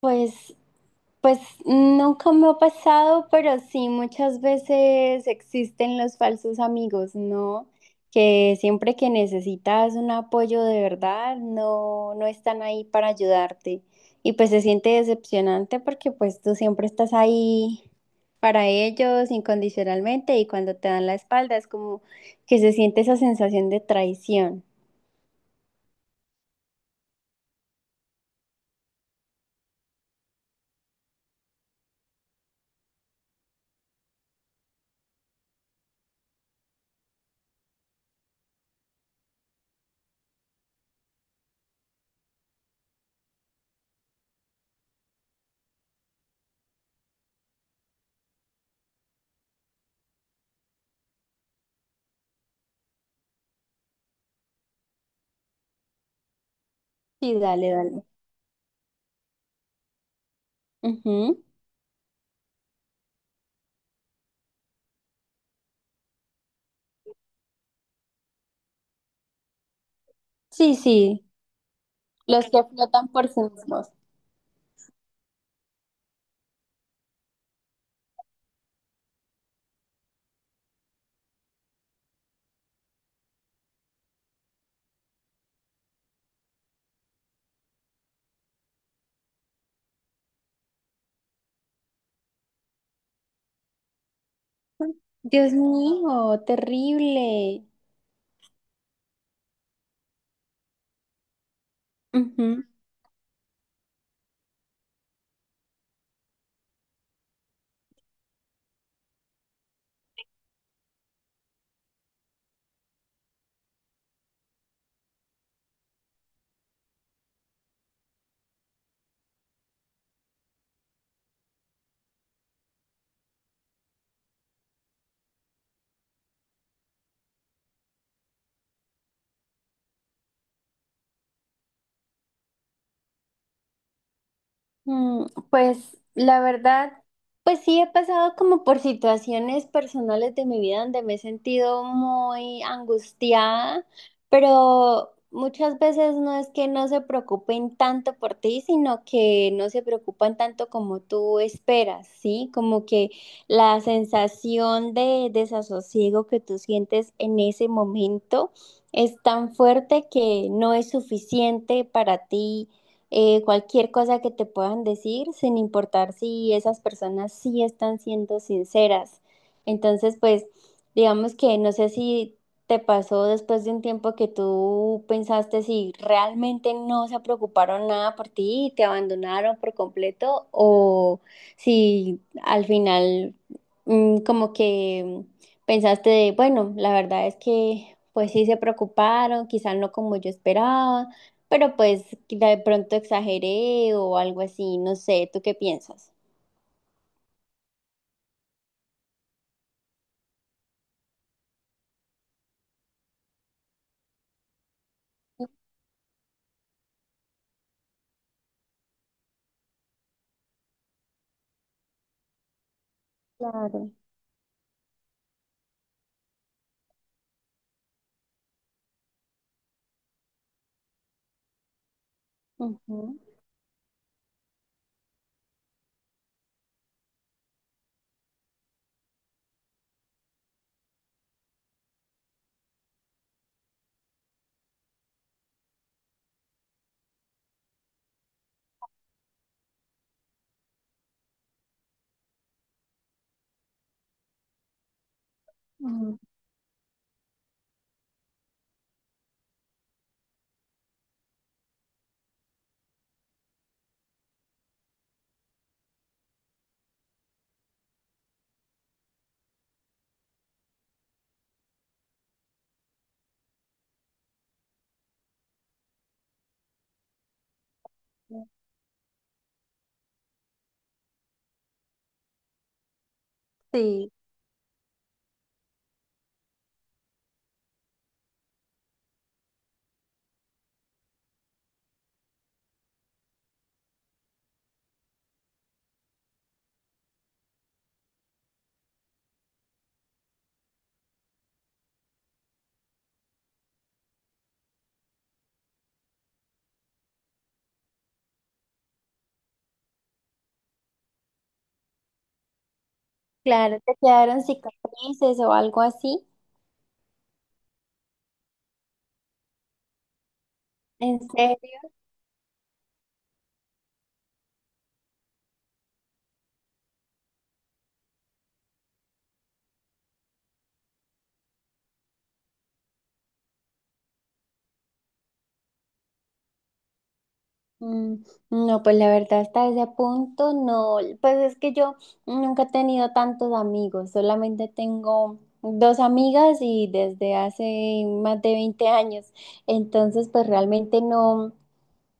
Pues, pues nunca me ha pasado, pero sí muchas veces existen los falsos amigos, ¿no? Que siempre que necesitas un apoyo de verdad, no, no están ahí para ayudarte. Y pues se siente decepcionante porque pues tú siempre estás ahí para ellos incondicionalmente y cuando te dan la espalda es como que se siente esa sensación de traición. Sí, dale, dale. Ujú. Sí, sí, los que flotan por sí mismos. Dios mío, terrible. Ujú. Mm, pues la verdad, pues sí he pasado como por situaciones personales de mi vida donde me he sentido muy angustiada, pero muchas veces no es que no se preocupen tanto por ti, sino que no se preocupan tanto como tú esperas, ¿sí? Como que la sensación de desasosiego que tú sientes en ese momento es tan fuerte que no es suficiente para ti, cualquier cosa que te puedan decir, sin importar si esas personas sí están siendo sinceras. Entonces, pues, digamos que no sé si te pasó después de un tiempo que tú pensaste si realmente no se preocuparon nada por ti y te abandonaron por completo o si al final como que pensaste de, bueno, la verdad es que pues sí se preocuparon, quizás no como yo esperaba, pero pues que de pronto exageré o algo así, no sé, ¿tú qué piensas? Claro. Ujú, ujú. Sí, claro, te quedaron cicatrices o algo así. ¿En serio? Mm, no, pues la verdad hasta ese punto no, pues es que yo nunca he tenido tantos amigos, solamente tengo dos amigas y desde hace más de 20 años, entonces pues realmente no.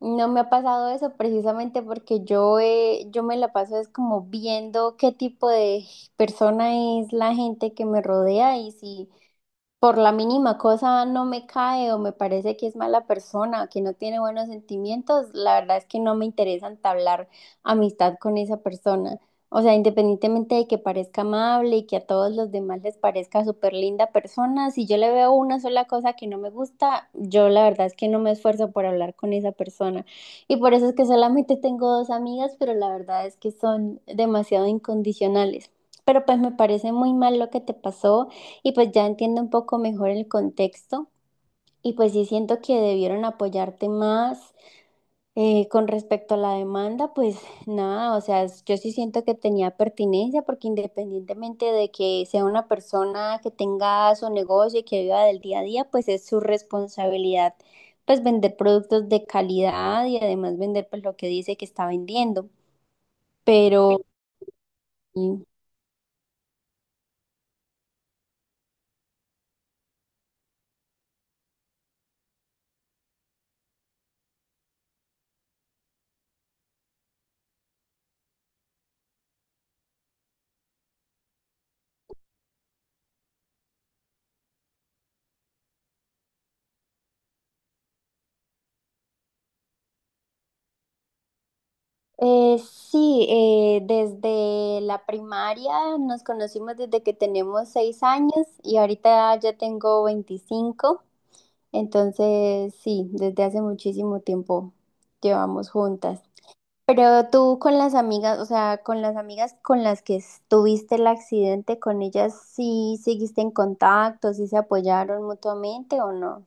No me ha pasado eso precisamente porque yo me la paso es como viendo qué tipo de persona es la gente que me rodea, y si por la mínima cosa no me cae o me parece que es mala persona, que no tiene buenos sentimientos, la verdad es que no me interesa entablar amistad con esa persona. O sea, independientemente de que parezca amable y que a todos los demás les parezca súper linda persona, si yo le veo una sola cosa que no me gusta, yo la verdad es que no me esfuerzo por hablar con esa persona. Y por eso es que solamente tengo dos amigas, pero la verdad es que son demasiado incondicionales. Pero pues me parece muy mal lo que te pasó y pues ya entiendo un poco mejor el contexto. Y pues sí siento que debieron apoyarte más, con respecto a la demanda, pues nada, o sea, yo sí siento que tenía pertinencia porque independientemente de que sea una persona que tenga su negocio y que viva del día a día, pues es su responsabilidad pues vender productos de calidad y además vender pues lo que dice que está vendiendo. Pero sí, desde la primaria nos conocimos desde que tenemos 6 años y ahorita ya tengo 25, entonces sí, desde hace muchísimo tiempo llevamos juntas. Pero tú con las amigas, o sea, con las amigas con las que tuviste el accidente, ¿con ellas sí seguiste en contacto, sí se apoyaron mutuamente o no?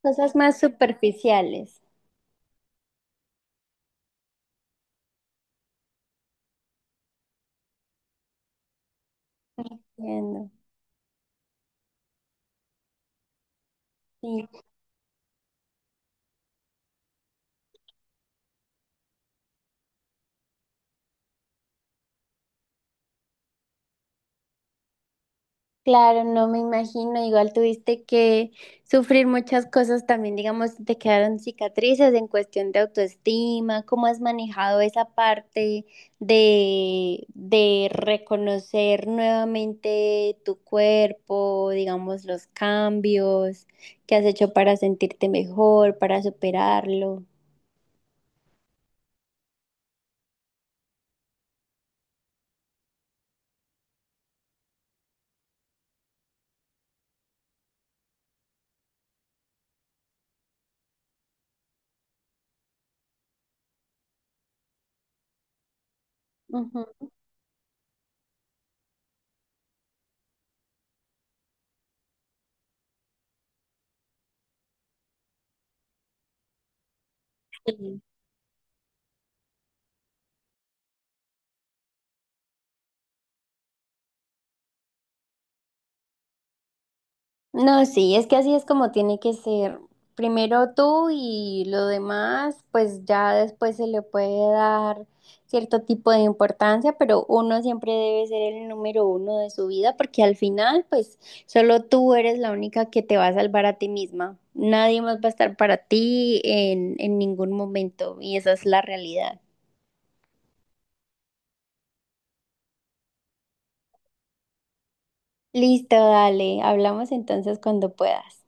Cosas más superficiales. Entiendo. Sí. Claro, no me imagino, igual tuviste que sufrir muchas cosas también, digamos, si te quedaron cicatrices en cuestión de autoestima, ¿cómo has manejado esa parte de reconocer nuevamente tu cuerpo, digamos, los cambios que has hecho para sentirte mejor, para superarlo? Ujú. No, sí, es que así es como tiene que ser. Primero tú y lo demás, pues ya después se le puede dar cierto tipo de importancia, pero uno siempre debe ser el número uno de su vida, porque al final, pues solo tú eres la única que te va a salvar a ti misma. Nadie más va a estar para ti en ningún momento, y esa es la realidad. Listo, dale, hablamos entonces cuando puedas.